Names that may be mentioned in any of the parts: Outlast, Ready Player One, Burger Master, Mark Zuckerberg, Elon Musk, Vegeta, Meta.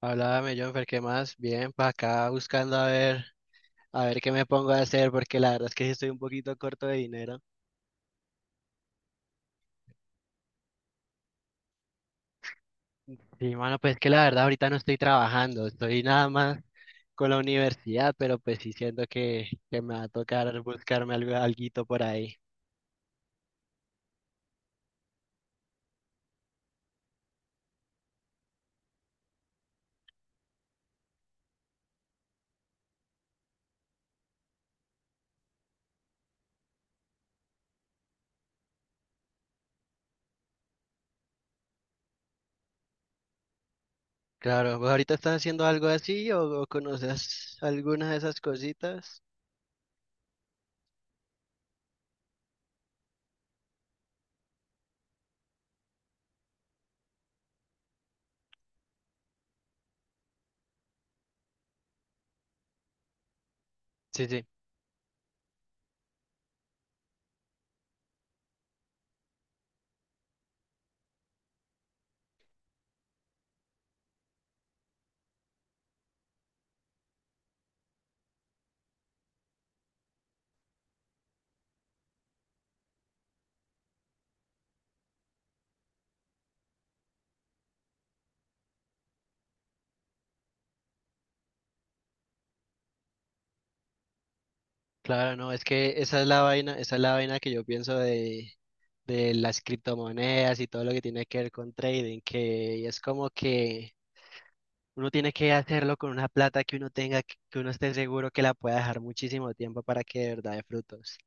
Háblame, Jonfer, ¿qué más? Bien, para acá buscando a ver qué me pongo a hacer, porque la verdad es que sí estoy un poquito corto de dinero. Sí, mano, pues que la verdad ahorita no estoy trabajando, estoy nada más con la universidad, pero pues sí siento que me va a tocar buscarme algo, alguito por ahí. Claro, ¿vos ahorita estás haciendo algo así o conoces alguna de esas cositas? Sí, sí. Claro, no, es que esa es la vaina, esa es la vaina que yo pienso de las criptomonedas y todo lo que tiene que ver con trading, que es como que uno tiene que hacerlo con una plata que uno tenga, que uno esté seguro que la pueda dejar muchísimo tiempo para que de verdad dé frutos.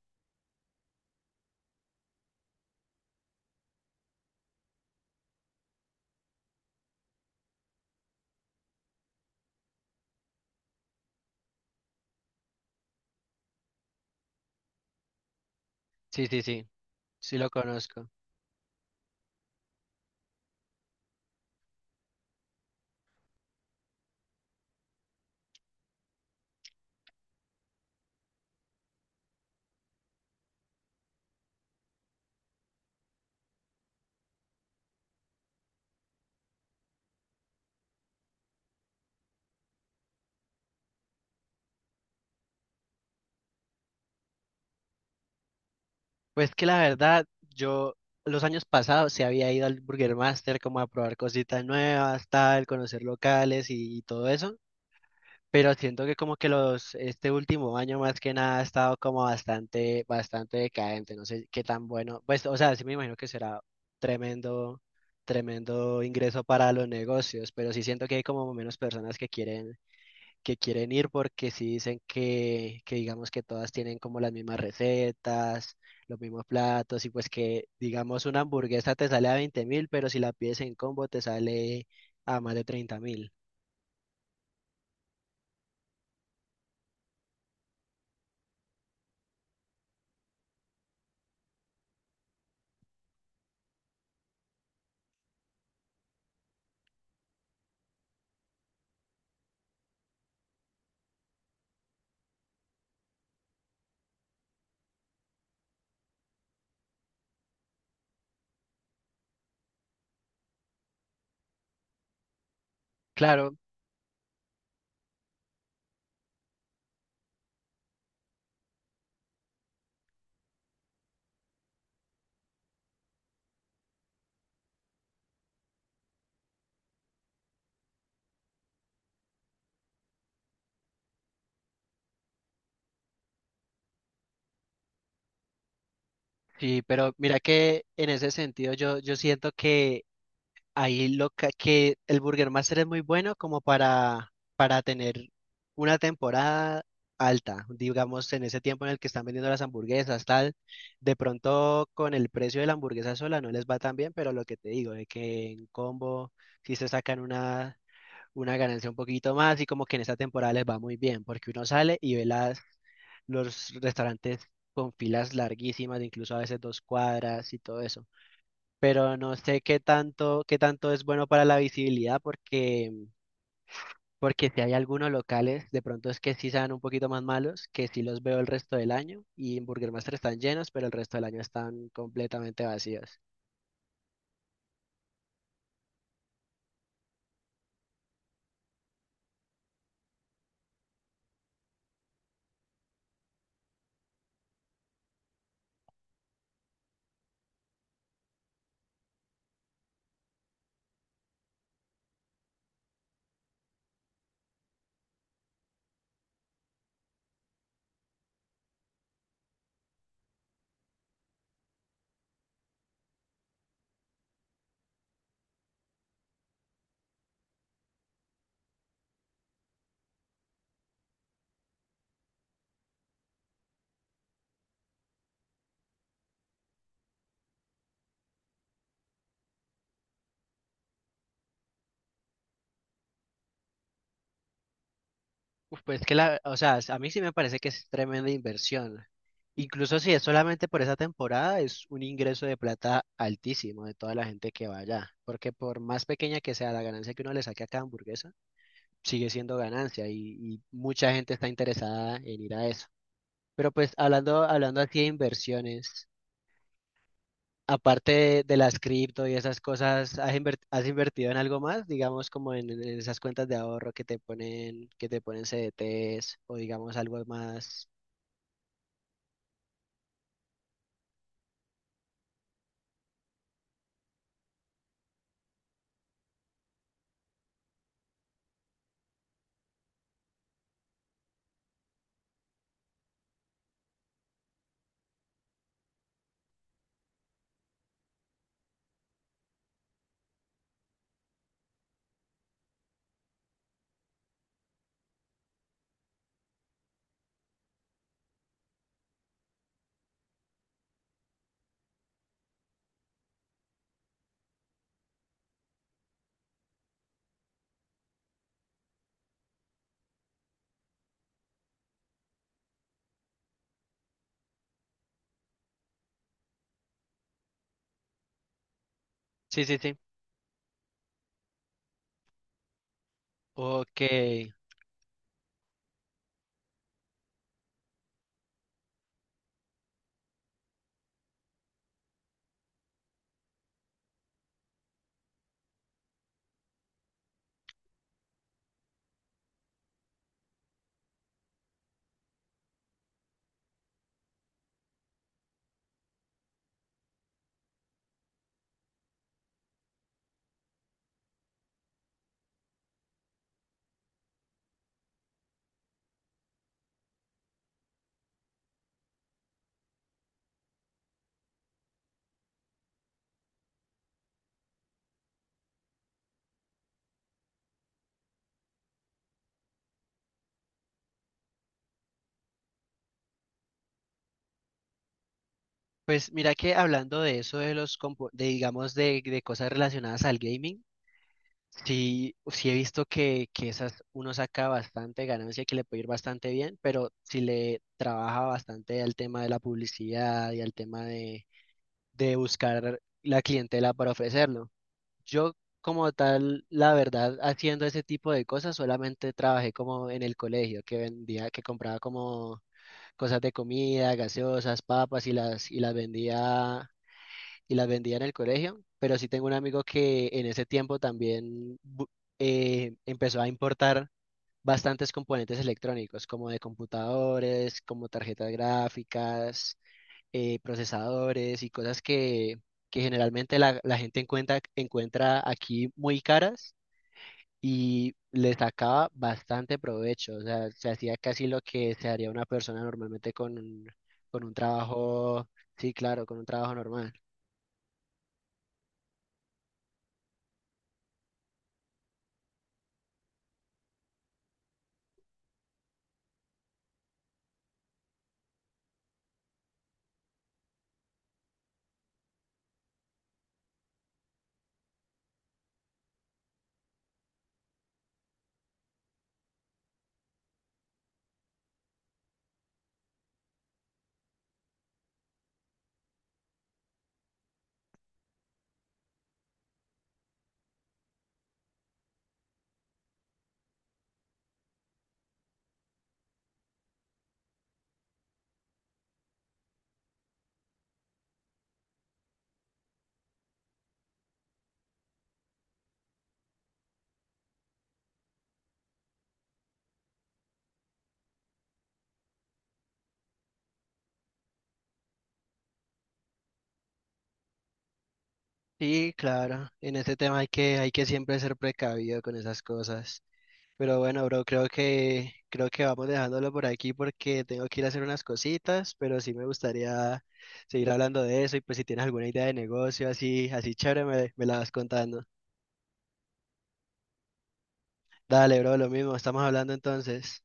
Sí, sí, sí, sí lo conozco. Pues que la verdad, yo los años pasados se había ido al Burger Master como a probar cositas nuevas, tal, conocer locales y todo eso. Pero siento que como que los, este último año más que nada ha estado como bastante, bastante decadente. No sé qué tan bueno. Pues, o sea, sí me imagino que será tremendo, tremendo ingreso para los negocios, pero sí siento que hay como menos personas que quieren ir porque sí dicen que digamos que todas tienen como las mismas recetas, los mismos platos, y pues que digamos una hamburguesa te sale a 20 mil, pero si la pides en combo te sale a más de 30.000. Claro. Sí, pero mira que en ese sentido yo, yo siento que que el Burger Master es muy bueno como para tener una temporada alta, digamos en ese tiempo en el que están vendiendo las hamburguesas, tal, de pronto con el precio de la hamburguesa sola no les va tan bien, pero lo que te digo, de que en combo si se sacan una ganancia un poquito más y como que en esta temporada les va muy bien, porque uno sale y ve las, los restaurantes con filas larguísimas, de incluso a veces 2 cuadras y todo eso. Pero no sé qué tanto es bueno para la visibilidad, porque, porque si hay algunos locales, de pronto es que sí sean un poquito más malos, que sí los veo el resto del año, y en Burger Master están llenos, pero el resto del año están completamente vacíos. Uf, pues que la, o sea, a mí sí me parece que es tremenda inversión. Incluso si es solamente por esa temporada, es un ingreso de plata altísimo de toda la gente que va allá. Porque por más pequeña que sea la ganancia que uno le saque a cada hamburguesa, sigue siendo ganancia y mucha gente está interesada en ir a eso. Pero pues hablando, hablando aquí de inversiones. Aparte de las cripto y esas cosas, ¿ has invertido en algo más? Digamos como en esas cuentas de ahorro que te ponen CDTs o digamos algo más. Sí, sí, sí. Ok. Pues mira que hablando de eso, de digamos de cosas relacionadas al gaming, sí, sí he visto que esas uno saca bastante ganancia, que le puede ir bastante bien, pero si le trabaja bastante al tema de la publicidad y al tema de buscar la clientela para ofrecerlo. Yo como tal, la verdad, haciendo ese tipo de cosas, solamente trabajé como en el colegio, que vendía, que compraba como cosas de comida, gaseosas, papas y las vendía y las vendía en el colegio. Pero sí tengo un amigo que en ese tiempo también empezó a importar bastantes componentes electrónicos, como de computadores, como tarjetas gráficas, procesadores y cosas que generalmente la, la gente encuentra, encuentra aquí muy caras y le sacaba bastante provecho. O sea, se hacía casi lo que se haría una persona normalmente con un trabajo, sí, claro, con un trabajo normal. Sí, claro, en ese tema hay que siempre ser precavido con esas cosas. Pero bueno, bro, creo que vamos dejándolo por aquí porque tengo que ir a hacer unas cositas, pero sí me gustaría seguir hablando de eso y pues si tienes alguna idea de negocio así, así chévere, me la vas contando. Dale, bro, lo mismo, estamos hablando entonces.